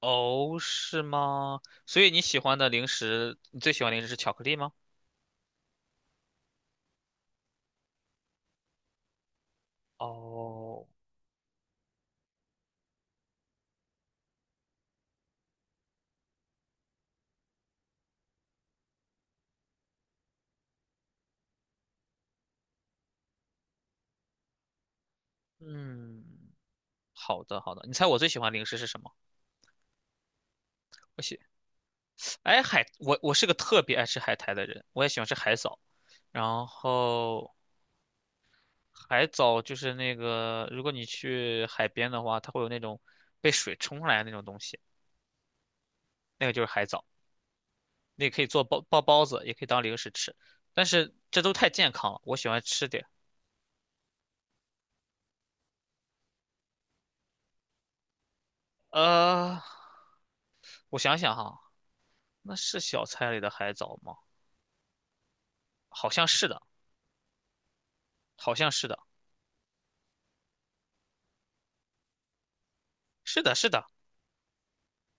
哦，是吗？所以你喜欢的零食，你最喜欢零食是巧克力吗？哦，嗯，好的好的。你猜我最喜欢零食是什么？我喜，哎海，我是个特别爱吃海苔的人，我也喜欢吃海藻。然后海藻就是那个，如果你去海边的话，它会有那种被水冲上来的那种东西，那个就是海藻，那个可以做包子，也可以当零食吃。但是这都太健康了，我喜欢吃点。呃，我想想哈，那是小菜里的海藻吗？好像是的，好像是的，是的，是的，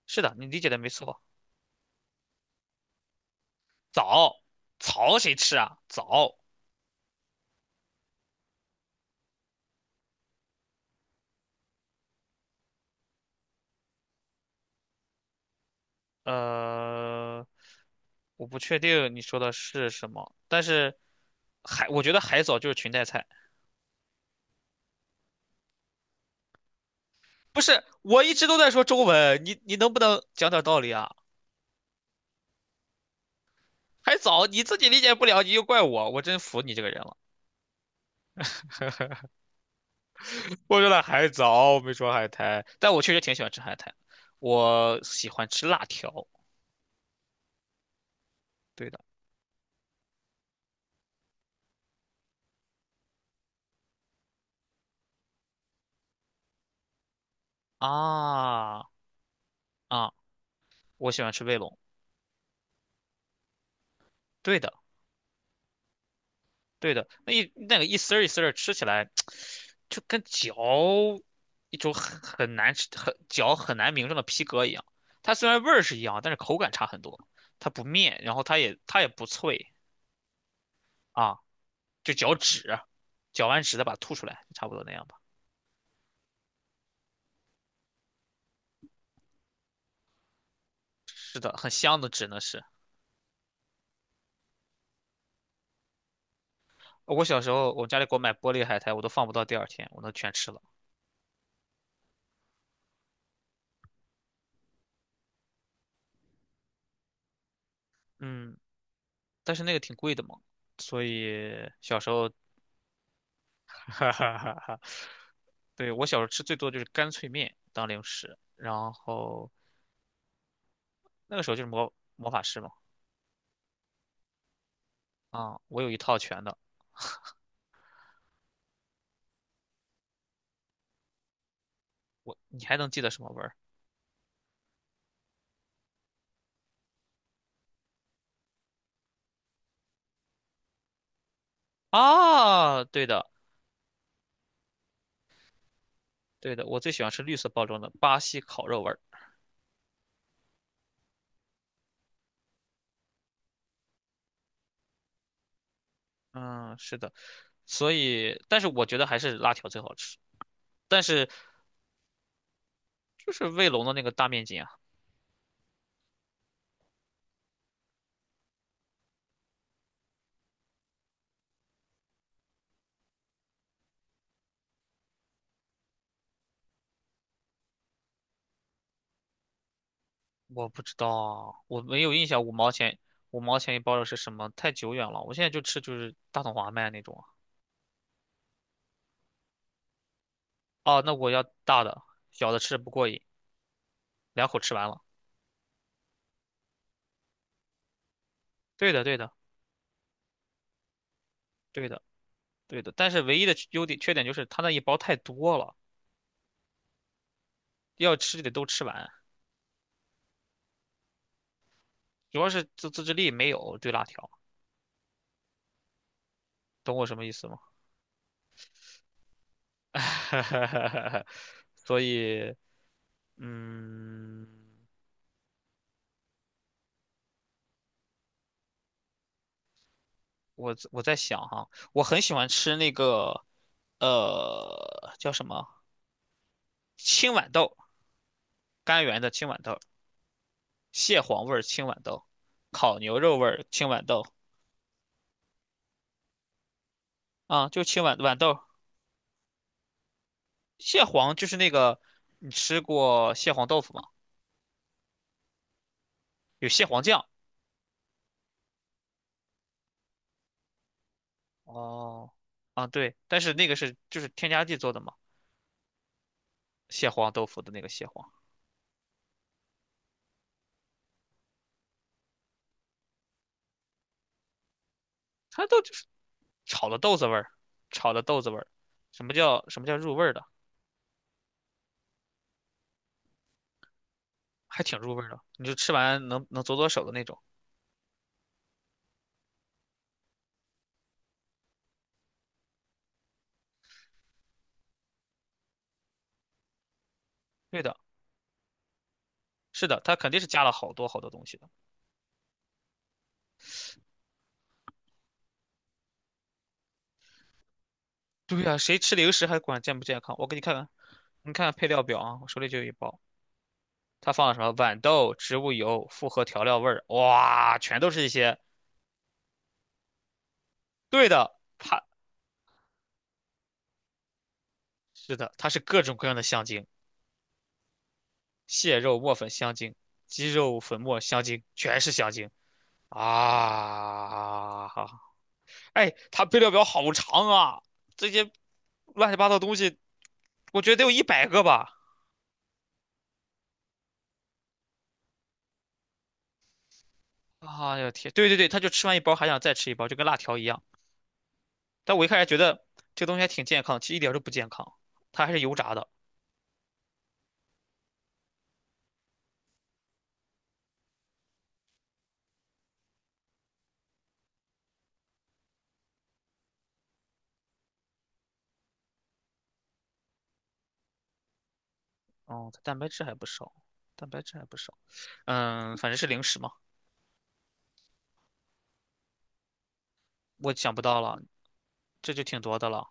是的，你理解的没错。藻，草谁吃啊？藻，呃，我不确定你说的是什么，但是海，我觉得海藻就是裙带菜。不是，我一直都在说中文，你能不能讲点道理啊？海藻你自己理解不了，你就怪我，我真服你这个人了。我说了海藻，我没说海苔，但我确实挺喜欢吃海苔，我喜欢吃辣条。对的。啊啊，我喜欢吃卫龙。对的，对的，那个一丝儿一丝儿吃起来，就跟嚼一种很难吃、很嚼很难名状的皮革一样。它虽然味儿是一样，但是口感差很多。它不面，然后它也不脆啊，就嚼纸，嚼完纸再把它吐出来，差不多那样吧。是的，很香的纸呢是。我小时候我家里给我买玻璃海苔，我都放不到第二天，我都全吃了。嗯，但是那个挺贵的嘛。所以小时候哈哈哈哈！对，我小时候吃最多就是干脆面当零食，然后那个时候就是魔法师嘛。啊，我有一套全的，你还能记得什么味儿？啊，对的，对的，我最喜欢吃绿色包装的巴西烤肉味儿。嗯，是的，所以，但是我觉得还是辣条最好吃，但是就是卫龙的那个大面筋啊，我不知道，我没有印象五毛钱一包的是什么，太久远了，我现在就吃就是大统华卖那种啊。哦，那我要大的，小的吃不过瘾。两口吃完了。对的，对的，对的，对的。但是唯一的优点缺点就是它那一包太多了，要吃就得都吃完。主要是自制力没有对辣条，懂我什么意思吗？所以，嗯，我在想哈，我很喜欢吃那个，叫什么青豌豆，甘源的青豌豆，蟹黄味儿青豌豆，烤牛肉味儿青豌豆。啊，就豌豆，蟹黄就是那个，你吃过蟹黄豆腐吗？有蟹黄酱。哦，啊对，但是那个是就是添加剂做的嘛，蟹黄豆腐的那个蟹黄，它都就是炒的豆子味儿，炒的豆子味儿。什么叫入味儿的？还挺入味儿的，你就吃完能左手的那种。对的，是的，它肯定是加了好多好多东西的。对呀、谁吃零食还管健不健康？我给你看看，你看看配料表啊，我手里就有一包，它放了什么豌豆、植物油、复合调料味儿，哇，全都是一些。对的，它是的，它是各种各样的香精，蟹肉磨粉香精、鸡肉粉末香精，全是香精啊！哎，它配料表好长啊，这些乱七八糟东西，我觉得得有一百个吧。哎呀天，对对对，他就吃完一包还想再吃一包，就跟辣条一样。但我一开始觉得这东西还挺健康，其实一点都不健康，它还是油炸的。哦，它蛋白质还不少，蛋白质还不少。嗯，反正是零食嘛，我想不到了，这就挺多的了。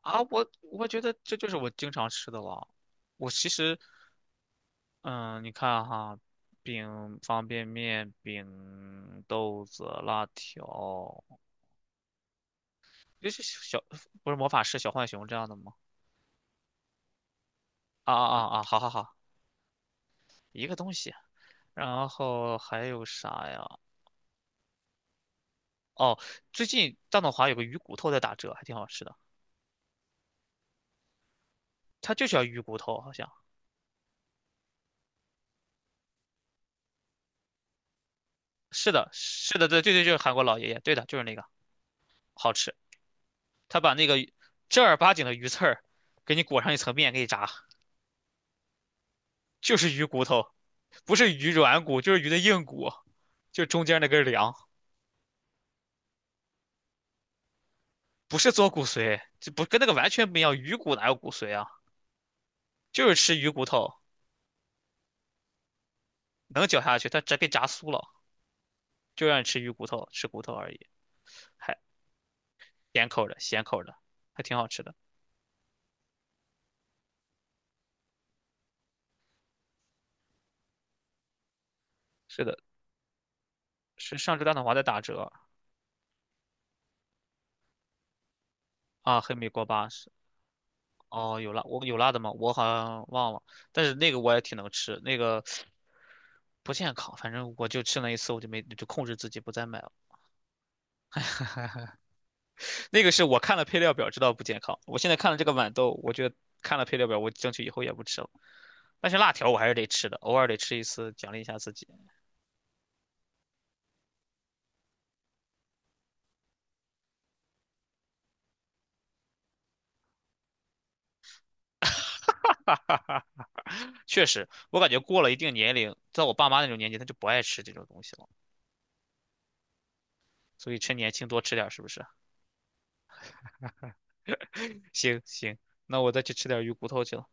啊，我觉得这就是我经常吃的了。我其实，嗯，你看哈，饼、方便面、饼、豆子、辣条，就是小，不是魔法师、小浣熊这样的吗？啊啊啊啊！好好好，一个东西。然后还有啥呀？哦，最近大董华有个鱼骨头在打折，还挺好吃的。它就叫鱼骨头，好像是的，是的，对对对，就是韩国老爷爷，对的，就是那个，好吃。他把那个正儿八经的鱼刺儿给你裹上一层面给你炸，就是鱼骨头，不是鱼软骨，就是鱼的硬骨，就是中间那根梁，不是做骨髓，这不跟那个完全不一样。鱼骨哪有骨髓啊？就是吃鱼骨头，能嚼下去，它直接炸酥了，就让你吃鱼骨头，吃骨头而已，还咸口的，咸口的，还挺好吃的。是的，是上周大统华在打折啊，黑米锅巴是。哦，有辣，我有辣的吗？我好像忘了，但是那个我也挺能吃，那个不健康，反正我就吃了一次，我就没就控制自己不再买了。那个是我看了配料表知道不健康，我现在看了这个豌豆，我觉得看了配料表，我争取以后也不吃了。但是辣条我还是得吃的，偶尔得吃一次，奖励一下自己。哈哈哈，确实，我感觉过了一定年龄，在我爸妈那种年纪，他就不爱吃这种东西了，所以趁年轻多吃点儿是不是？行行，那我再去吃点鱼骨头去了。